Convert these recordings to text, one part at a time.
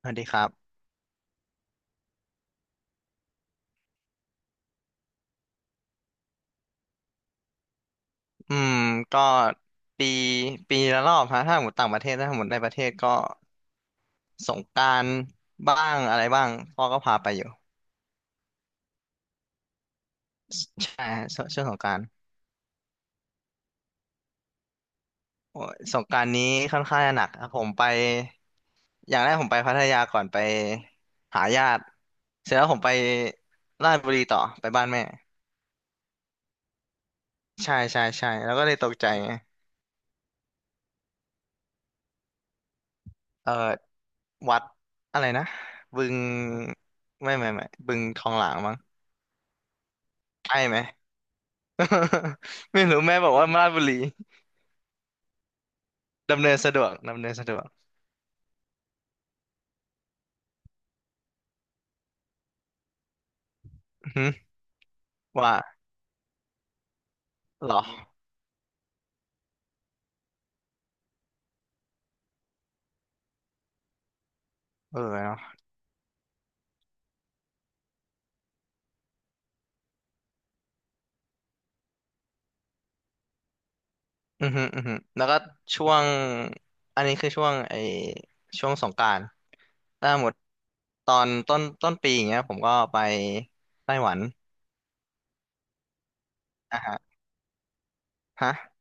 สวัสดีครับอืมก็ปี ปีละรอบฮะถ้าหมดต่างประเทศถ้าหมดในประเทศก็สงกรานต์บ้างอะไรบ้างพ่อก็พาไปอยู่ ใช่ฮะช่วงสงกรานต์โอ้ยสงกรานต์นี้ค่อนข้างจะหนักครับผมไป อย่างแรกผมไปพัทยาก่อนไปหาญาติเสร็จแล้วผมไปราชบุรีต่อไปบ้านแม่ ใช่ใช่ใช่แล้วก็เลยตกใจไงเออวัดอะไรนะบึงไม่ไม่ไม่บึงทองหลางมั้งใช่ไหม ไม่รู้แม่บอกว่าราชบุรีดำเนินสะดวกดำเนินสะดวกอือหือว่าเหรอเออเนาะอือหืออือหือแล้วก็ช่วงอันนี้คือช่วงสงกรานต์ถ้าหมดตอนต้นปีอย่างเงี้ยผมก็ไปไต้หวันนะฮะฮะ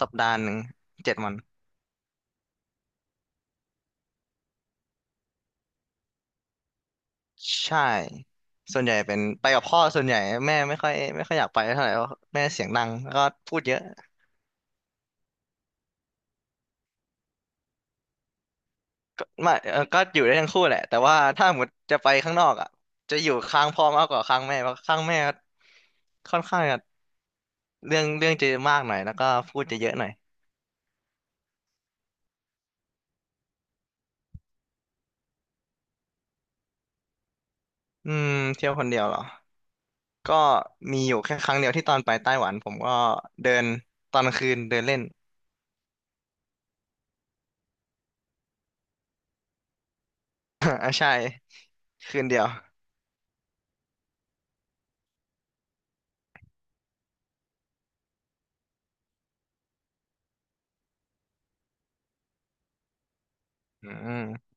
สัปดาห์หนึ่ง7 วันใช่ส่วนใหญ่เป็นไปกับพ่อส่วนใหญ่แม่ไม่ค่อยอยากไปเท่าไหร่เพราะแม่เสียงดังแล้วก็พูดเยอะ ก็ไม่ก็อยู่ได้ทั้งคู่แหละแต่ว่าถ้าหมดจะไปข้างนอกอ่ะจะอยู่ข้างพ่อมากกว่าข้างแม่เพราะข้างแม่ค่อนข้างจะเรื่องจะมากหน่อยแล้วก็พูดจะเยอะหน่อยอืมเที่ยวคนเดียวเหรอ ก็มีอยู่แค่ครั้งเดียวที่ตอนไปไต้หวันผมก็เดินตอนกลางคืนเดินเล่นอ่าใช่คืนเดียวอืม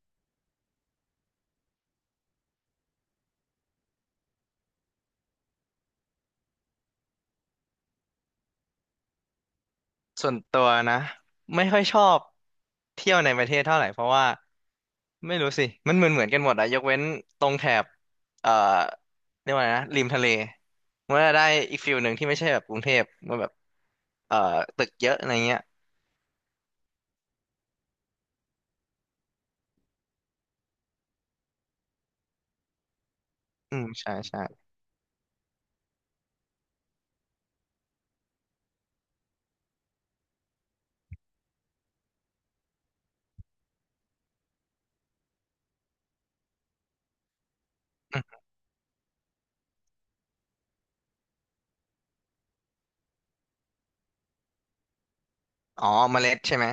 ส่วนตัวนะไม่ค่อยชอบเที่ยวในประเทศเท่าไหร่เพราะว่าไม่รู้สิมันเหมือนกันหมดอะยกเว้นตรงแถบเอ่อเรียกว่าไงนะริมทะเลมันจะได้อีกฟิลหนึ่งที่ไม่ใช่แบบกรุงเทพมันแบบเอ่อตึกเยอะอะไรเงี้ยอืมใช่ใช่อืมอ๋อเมล็ดใช่ไหม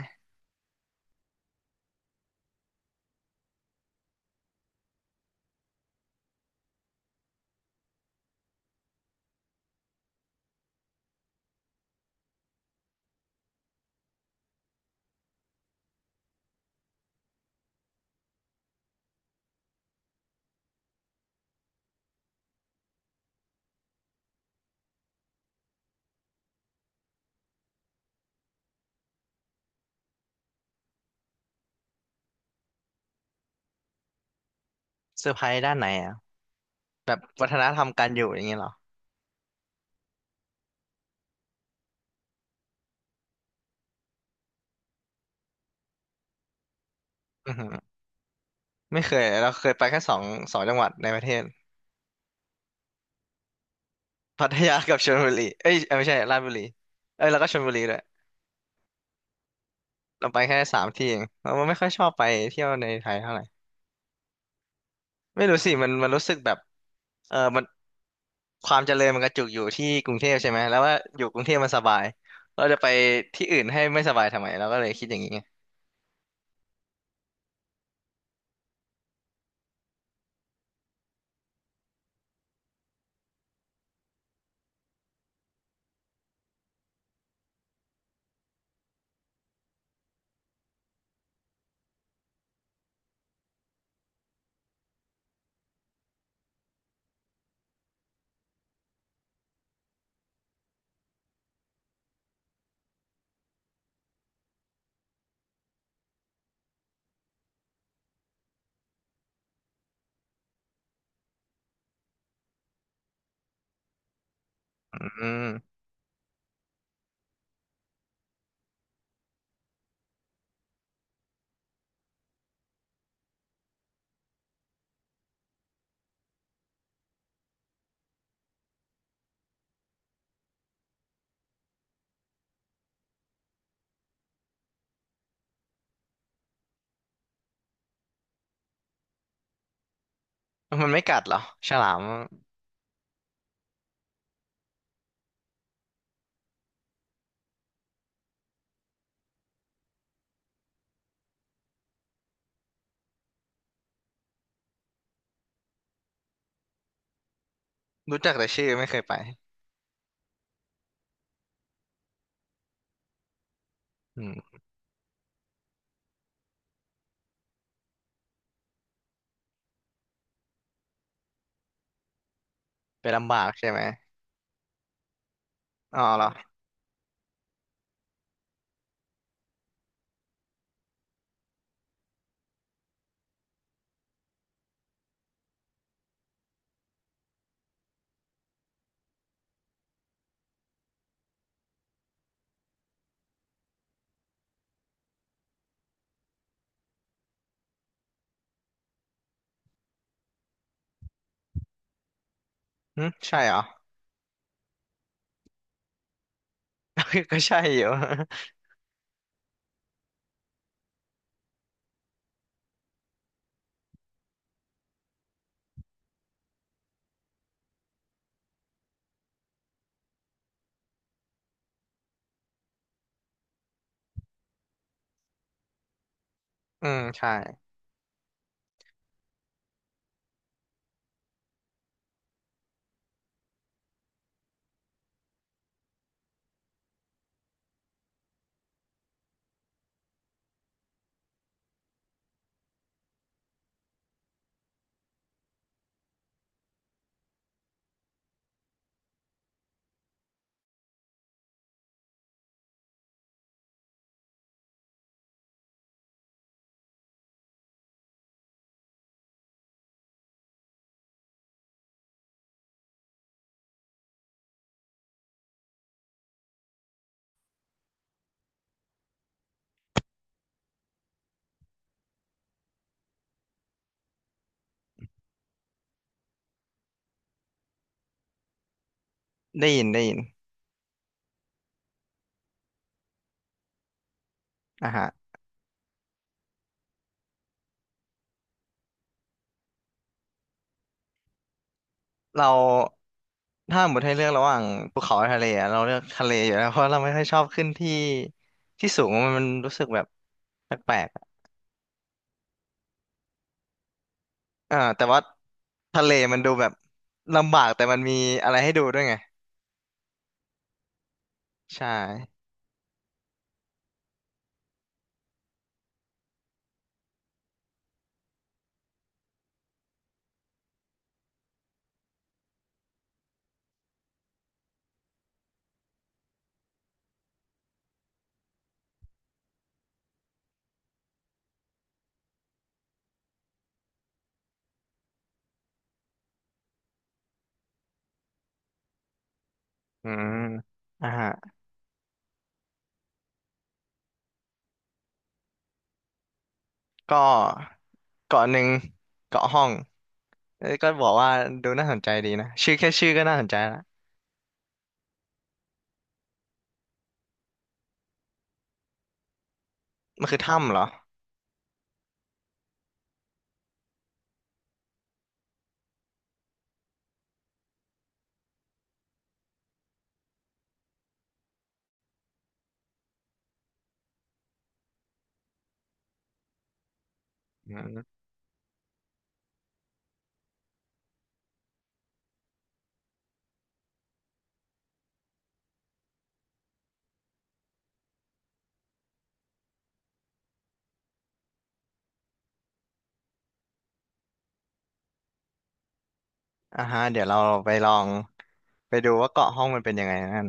เซอร์ไพรส์ด้านไหนอะแบบวัฒนธรรมการอยู่อย่างเงี้ยเหรออือหือไม่เคยเราเคยไปแค่สองจังหวัดในประเทศพัทยากับชลบุรีเอ้ยเอ้ยไม่ใช่ราชบุรีเอ้ยแล้วก็ชลบุรีด้วย เราไปแค่3 ที่เองเราไม่ค่อยชอบไปเที่ยวในไทยเท่าไหร่ไม่รู้สิมันรู้สึกแบบเออมันความเจริญมันกระจุกอยู่ที่กรุงเทพใช่ไหมแล้วว่าอยู่กรุงเทพมันสบายเราจะไปที่อื่นให้ไม่สบายทำไมเราก็เลยคิดอย่างนี้ไงอืมมันไม่กัดเหรอฉลามรู้จักแต่ชื่อไม่เคยไปอืมไปลำบากใช่ไหมอ๋อเหรอหึใช่เหรอ ก็ใช่อยู่ อืมใช่ได้ยินได้ยินอ่าฮะ เราถ้าหมดให้เลือกระหว่างภูเขากับทะเลอะเราเลือกทะเลอยู่แล้วเพราะเราไม่ค่อยชอบขึ้นที่ที่สูงมันรู้สึกแบบแปลกๆอะแต่ว่าทะเลมันดูแบบลำบากแต่มันมีอะไรให้ดูด้วยไงใช่อืมอ่าฮะก็เกาะหนึ่งเกาะห้องเอ้ยก็บอกว่าดูน่าสนใจดีนะชื่อแค่ชื่อก็น่าสนใจละมันคือถ้ำเหรออืมอ่าฮะเดี๋ยวเราไปลองไปดูว่าเกาะห้องมันเป็นยังไงนั่น